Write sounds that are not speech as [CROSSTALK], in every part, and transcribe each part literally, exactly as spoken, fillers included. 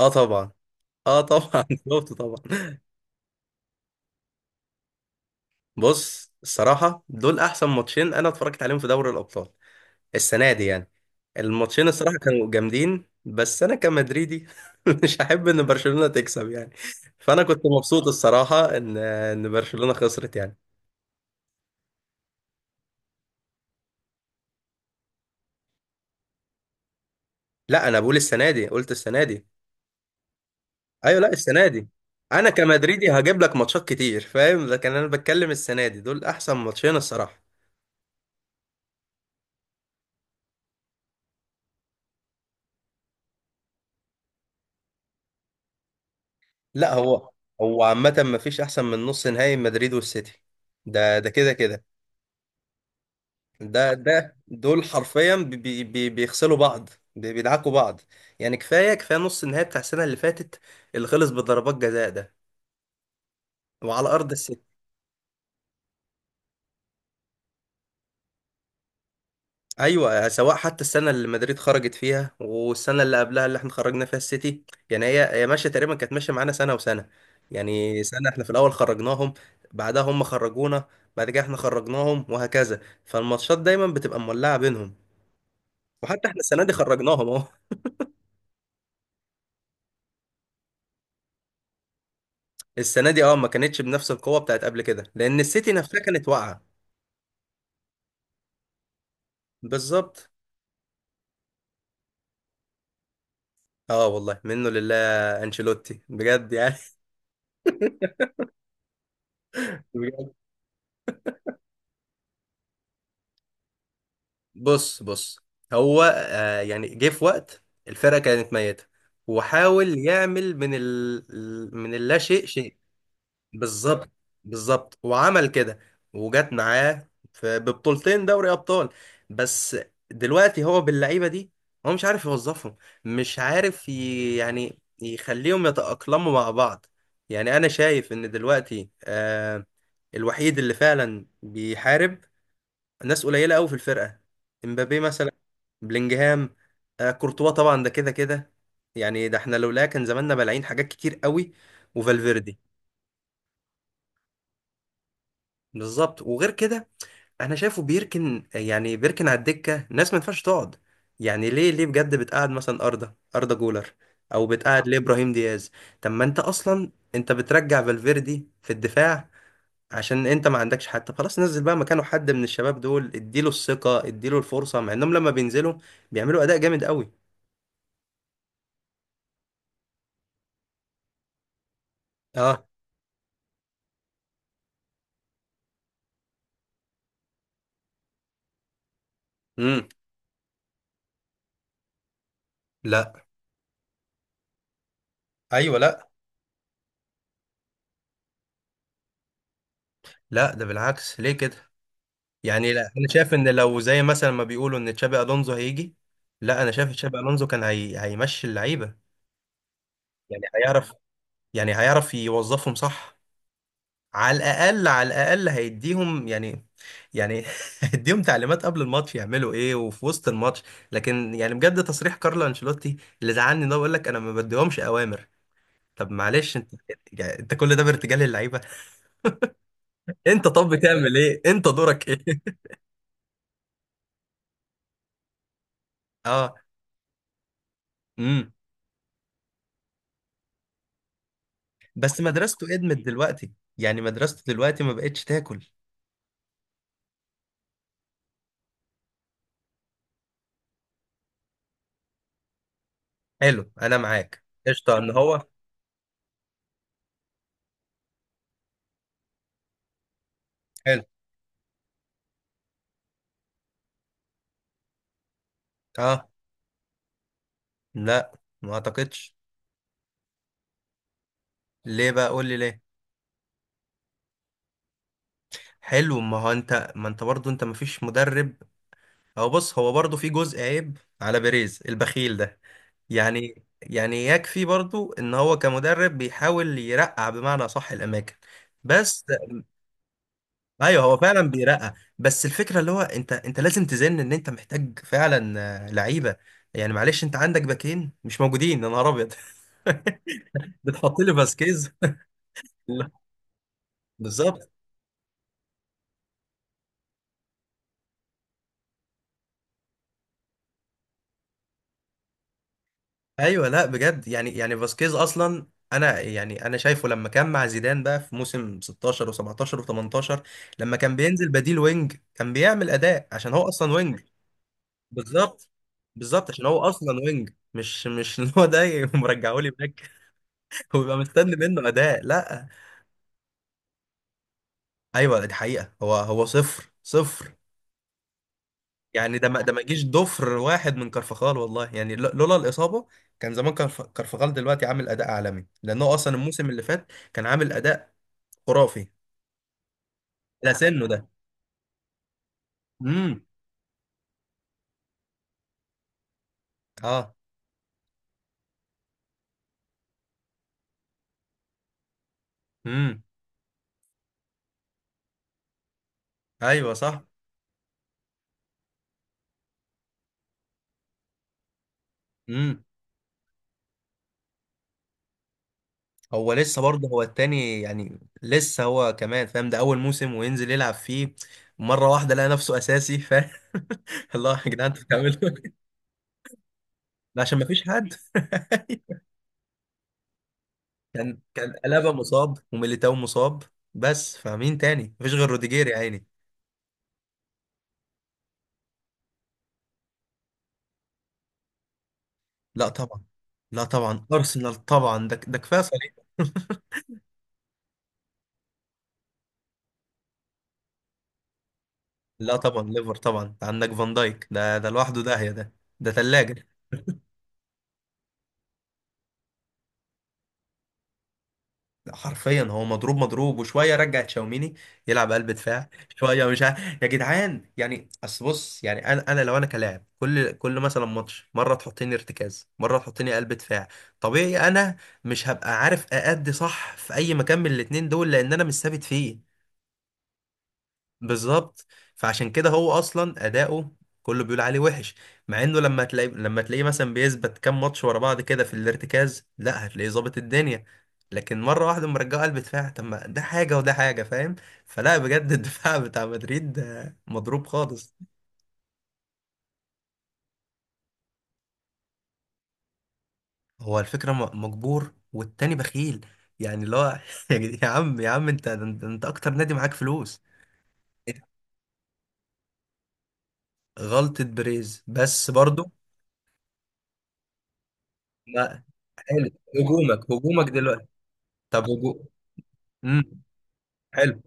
اه طبعا. اه طبعا [LAUGHS] بالظبط طبعا. بص الصراحه دول احسن ماتشين انا اتفرجت عليهم في دوري الابطال السنه دي يعني. الماتشين الصراحه كانوا جامدين، بس انا كمدريدي [LAUGHS] مش هحب ان برشلونه تكسب يعني. فانا كنت مبسوط الصراحه ان ان برشلونه خسرت يعني. لا انا بقول السنه دي، قلت السنه دي. ايوه، لا السنه دي. انا كمدريدي هجيب لك ماتشات كتير فاهم، لكن انا بتكلم السنه دي دول احسن ماتشين الصراحه. لا هو، هو عامة ما فيش أحسن من نص نهائي مدريد والسيتي. ده ده كده كده. ده ده دول حرفيا بي بي بي- بيغسلوا بعض. بي- بيدعكوا بعض. يعني كفاية كفاية نص النهائي بتاع السنة اللي فاتت، اللي خلص بضربات جزاء ده، وعلى أرض السيتي. ايوه آه، سواء حتى السنه اللي مدريد خرجت فيها والسنه اللي قبلها اللي احنا خرجنا فيها السيتي. يعني هي هي ماشيه، تقريبا كانت ماشيه معانا سنه وسنه. يعني سنه احنا في الاول خرجناهم، بعدها هم خرجونا، بعد كده احنا خرجناهم، وهكذا. فالماتشات دايما بتبقى مولعه بينهم. وحتى احنا السنه دي خرجناهم اهو. [LAUGHS] السنه دي اه ما كانتش بنفس القوه بتاعت قبل كده، لان السيتي نفسها كانت واقعه. بالظبط. اه والله منه لله. انشيلوتي بجد يعني. [LAUGHS] بص بص. هو آه يعني جه في وقت الفرقة كانت ميتة، وحاول يعمل من ال... من اللا شيء شيء. بالظبط. بالظبط وعمل كده. وجت معاه في... ببطولتين دوري أبطال بس. دلوقتي هو باللعيبة دي هو مش عارف يوظفهم، مش عارف ي... يعني يخليهم يتأقلموا مع بعض. يعني أنا شايف إن دلوقتي آه الوحيد اللي فعلا بيحارب ناس قليله قوي في الفرقه. امبابي مثلا، بلينجهام، آه كورتوا طبعا ده كده كده. يعني ده احنا لولا كان زماننا بلاعين حاجات كتير قوي. وفالفيردي. بالظبط. وغير كده انا شايفه بيركن، يعني بيركن على الدكه ناس ما ينفعش تقعد. يعني ليه ليه بجد بتقعد مثلا اردا اردا جولر؟ او بتقعد ليه ابراهيم دياز؟ طب ما انت اصلا انت بترجع فالفيردي في الدفاع عشان انت ما عندكش حد. طب خلاص نزل بقى مكانه حد من الشباب دول، اديله الثقة اديله الفرصة، مع انهم لما بينزلوا بيعملوا اداء جامد قوي. اه. امم. لا. ايوه لا. لا ده بالعكس، ليه كده؟ يعني لا انا شايف ان لو زي مثلا ما بيقولوا ان تشابي الونزو هيجي. لا انا شايف تشابي الونزو كان هي... هيمشي اللعيبة. يعني هيعرف، يعني هيعرف يوظفهم صح. على الاقل على الاقل هيديهم يعني، يعني [LAUGHS] هيديهم تعليمات قبل الماتش يعملوا ايه وفي وسط الماتش. لكن يعني بجد تصريح كارلو انشيلوتي اللي زعلني ده بيقول لك انا ما بديهمش اوامر. طب معلش انت [LAUGHS] يعني انت كل ده بارتجال للعيبه؟ [LAUGHS] انت طب بتعمل ايه، انت دورك ايه؟ [LAUGHS] اه. امم. بس مدرسته ادمت دلوقتي. يعني مدرسته دلوقتي ما بقتش تاكل. حلو. انا معاك قشطه ان هو. حلو. اه. لا ما اعتقدش. ليه بقى قول لي ليه؟ حلو. ما هو انت، ما انت برضه انت مفيش مدرب. او بص هو برضه في جزء عيب على بيريز البخيل ده. يعني يعني يكفي برضه ان هو كمدرب بيحاول يرقع بمعنى صح الاماكن، بس. ايوه هو فعلا بيرقع، بس الفكره اللي هو انت انت لازم تزن ان انت محتاج فعلا آه، لعيبه. يعني معلش انت عندك باكين مش موجودين، يا نهار ابيض. [LAUGHS] بتحط لي فاسكيز. [LAUGHS] بالظبط. ايوه لا بجد يعني، يعني فاسكيز اصلا، انا يعني انا شايفه لما كان مع زيدان بقى في موسم ستاشر وسبعتاشر وتمنتاشر لما كان بينزل بديل وينج كان بيعمل اداء عشان هو اصلا وينج. بالظبط. بالظبط عشان هو اصلا وينج، مش مش ان هو ده [LAUGHS] مرجعه لي باك. [LAUGHS] ويبقى مستني منه اداء؟ لا. ايوه دي حقيقه هو هو صفر صفر. يعني ده ما ده ما جيش ضفر واحد من كارفخال، والله يعني لو- لولا الاصابه كان زمان كارف- كارفخال دلوقتي عامل اداء عالمي، لانه اصلا الموسم اللي فات كان عامل اداء خرافي. ده سنه ده. امم. اه. امم. ايوه صح. امم. هو لسه برضه هو التاني يعني، لسه هو كمان فاهم ده اول موسم وينزل يلعب فيه. مره واحده لقى نفسه اساسي فاهم. [LAUGHS] الله يا جدعان انتوا بتعملوا إيه؟ ده عشان ما فيش حد. [LAUGHS] كان كان قلابه مصاب وميليتاو مصاب، بس فمين تاني؟ مفيش غير روديجير يا عيني. لا طبعا. لا طبعا، ارسنال طبعا، ده ده كفايه صليبه. [LAUGHS] لا طبعا ليفر طبعا، عندك فان دايك ده ده لوحده داهيه ده، ده ثلاجه. حرفيا هو مضروب، مضروب. وشويه رجع تشاوميني يلعب قلب دفاع، شويه مش عارف. يا جدعان يعني، اصل بص يعني انا انا لو انا كلاعب كل كل مثلا ماتش مره تحطني ارتكاز مره تحطني قلب دفاع، طبيعي انا مش هبقى عارف اادي صح في اي مكان من الاتنين دول، لان انا مش ثابت فيه. بالظبط. فعشان كده هو اصلا اداؤه كله بيقول عليه وحش، مع انه لما تلاقي لما تلاقيه مثلا بيثبت كام ماتش ورا بعض كده في الارتكاز لا هتلاقيه ظابط الدنيا. لكن مره واحده مرجعه قلب دفاع، طب ما ده حاجه وده حاجه فاهم. فلا بجد الدفاع [LAUGHS] بتاع مدريد ده مضروب خالص. هو الفكره م- مجبور والتاني بخيل. يعني لا [LAUGHS] يا جد- يا عم، يا عم انت انت أنت اكتر نادي معاك فلوس. غلطه بريز بس برضو. لا. حلو. هجومك هجومك دلوقتي. طب هجو- امم. حلو.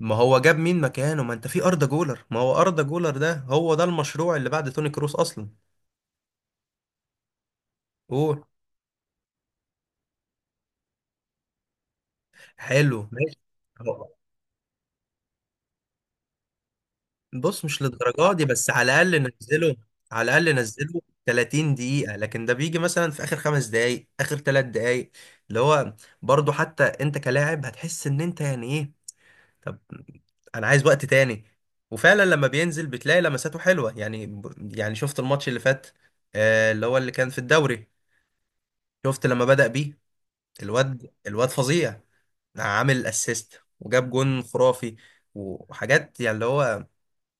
ما هو جاب مين مكانه؟ ما انت في اردا جولر، ما هو اردا جولر ده هو ده المشروع اللي بعد توني كروس اصلا. اوه. حلو. ماشي. هو- بص مش للدرجه دي، بس على الاقل نزله. على الاقل نزله تلاتين دقيقه، لكن ده بيجي مثلا في اخر خمس دقائق اخر ثلاث دقائق اللي هو، برضو حتى انت كلاعب هتحس ان انت يعني ايه. طب انا عايز وقت تاني. وفعلا لما بينزل بتلاقي لمساته حلوه يعني، يعني شفت الماتش اللي فات آه، اللي هو اللي كان في الدوري، شفت لما بدأ بيه؟ الواد الواد فظيع. عامل اسيست وجاب جون خرافي وحاجات، يعني اللي هو،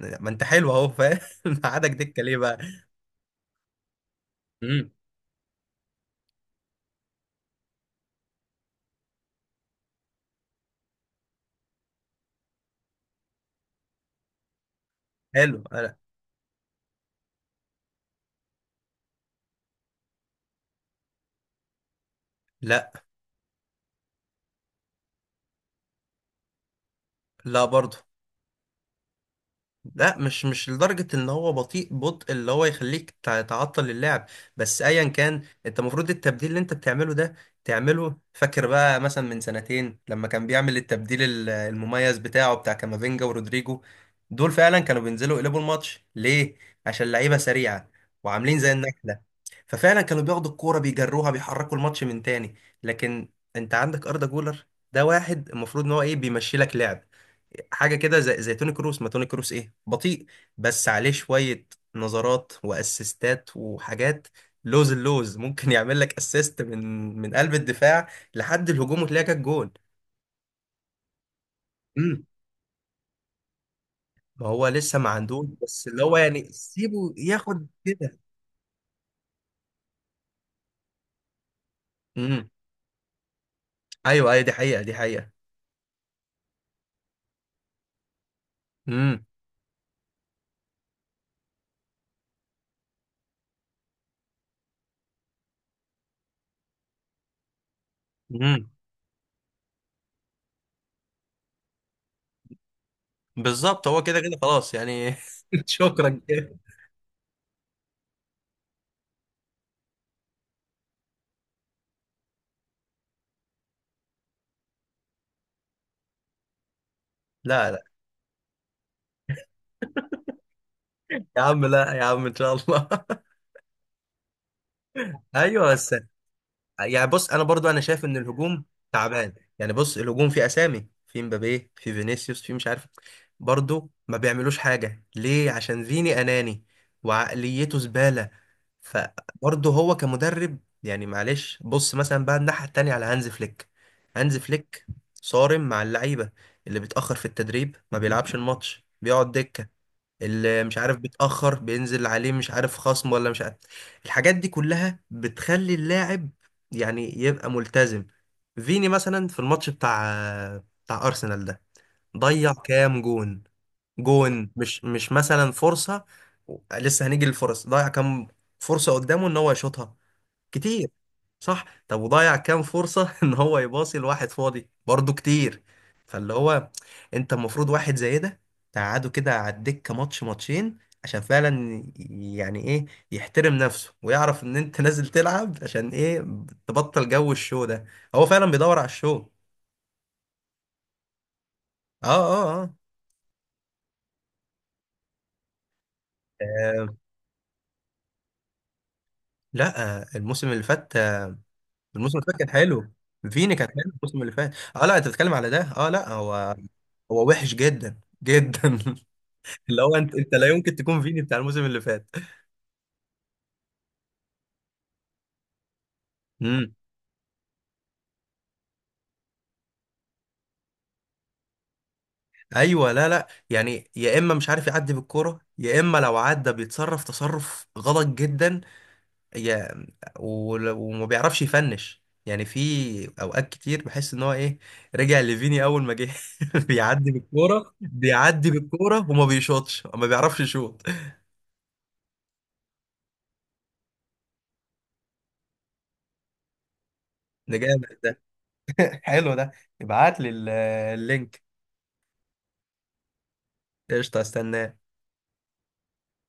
ما انت حلو اهو فاهم. [LAUGHS] ما عادك دكه ليه بقى؟ امم. حلو. لا. لا برضه. لا مش مش لدرجة ان هو بطيء بطء اللي هو يخليك تع- تعطل اللعب. بس ايا كان انت المفروض التبديل اللي انت بتعمله ده تعمله. فاكر بقى مثلا من سنتين لما كان بيعمل التبديل ال- المميز بتاعه بتاع كامافينجا ورودريجو؟ دول فعلا كانوا بينزلوا يقلبوا الماتش. ليه؟ عشان لعيبة سريعة وعاملين زي النحلة. ففعلا كانوا بياخدوا الكورة بيجروها بيحركوا الماتش من تاني. لكن انت عندك أردا جولر، ده واحد المفروض ان هو ايه، بيمشي لك لعب. حاجه كده زي زي توني كروس. ما توني كروس ايه، بطيء، بس عليه شويه نظرات واسيستات وحاجات. لوز اللوز ممكن [LAUGHS] يعمل لك اسيست من من قلب الدفاع لحد الهجوم، وتلاقي جت جون. امم. ما هو لسه ما عندوش، بس اللي هو يعني سيبه ياخد كده. امم. ايوه ايوه دي حقيقه دي حقيقه. امم. امم. بالظبط. هو كده كده خلاص يعني. [LAUGHS] شكرا كده. لا لا يا عم، لا يا عم ان شاء الله. [LAUGHS] ايوه بس يعني بص، انا برضو انا شايف ان الهجوم تعبان، يعني بص الهجوم فيه اسامي، في مبابي، في فينيسيوس، في مش عارف، برضو ما بيعملوش حاجه. ليه؟ عشان فيني اناني وعقليته زباله. فبرضو هو كمدرب يعني معلش. بص مثلا بقى الناحيه التانيه على هانز فليك. هانز فليك صارم مع اللعيبه. اللي بيتاخر في التدريب ما بيلعبش الماتش بيقعد دكه. اللي مش عارف بيتأخر بينزل عليه مش عارف خصم ولا مش عارف. الحاجات دي كلها بتخلي اللاعب يعني يبقى ملتزم. فيني مثلا في الماتش بتاع بتاع أرسنال ده ضيع كام جون. جون مش مش مثلا فرصة، لسه هنيجي للفرص. ضيع كام فرصة قدامه ان هو يشوطها، كتير. صح. طب وضيع كام فرصة [LAUGHS] ان هو يباصي لواحد فاضي برضه كتير. فاللي هو انت المفروض واحد زي ده تقعده كده على الدكة ماتش ماتشين، عشان فعلا يعني ايه، يحترم نفسه ويعرف ان انت [LAUGHS] نازل تلعب عشان ايه. تبطل جو الشو ده، هو فعلا بيدور على الشو. اه اه اه. آه، لا آه، الموسم اللي فات، الموسم اللي فات كان حلو. فيني كان حلو الموسم اللي فات. اه، لا انت بتتكلم على ده. اه لا هو هو وحش جدا جدا. [LAUGHS] اللي هو انت انت لا يمكن تكون فيني بتاع الموسم اللي فات. امم. ايوه لا لا يعني، يا اما مش عارف يعدي بالكوره، يا اما لو عدى بيتصرف تصرف غلط جدا. يا ول- وما بيعرفش يفنش. يعني في اوقات كتير بحس ان هو ايه، رجع لفيني اول ما جه. [LAUGHS] بيعدي بالكوره، بيعدي بالكوره، وما بيشوطش، ما بيعرفش يشوط. ده جامد ده. حلو ده. ابعت لي ال- اللينك. قشطه استناه.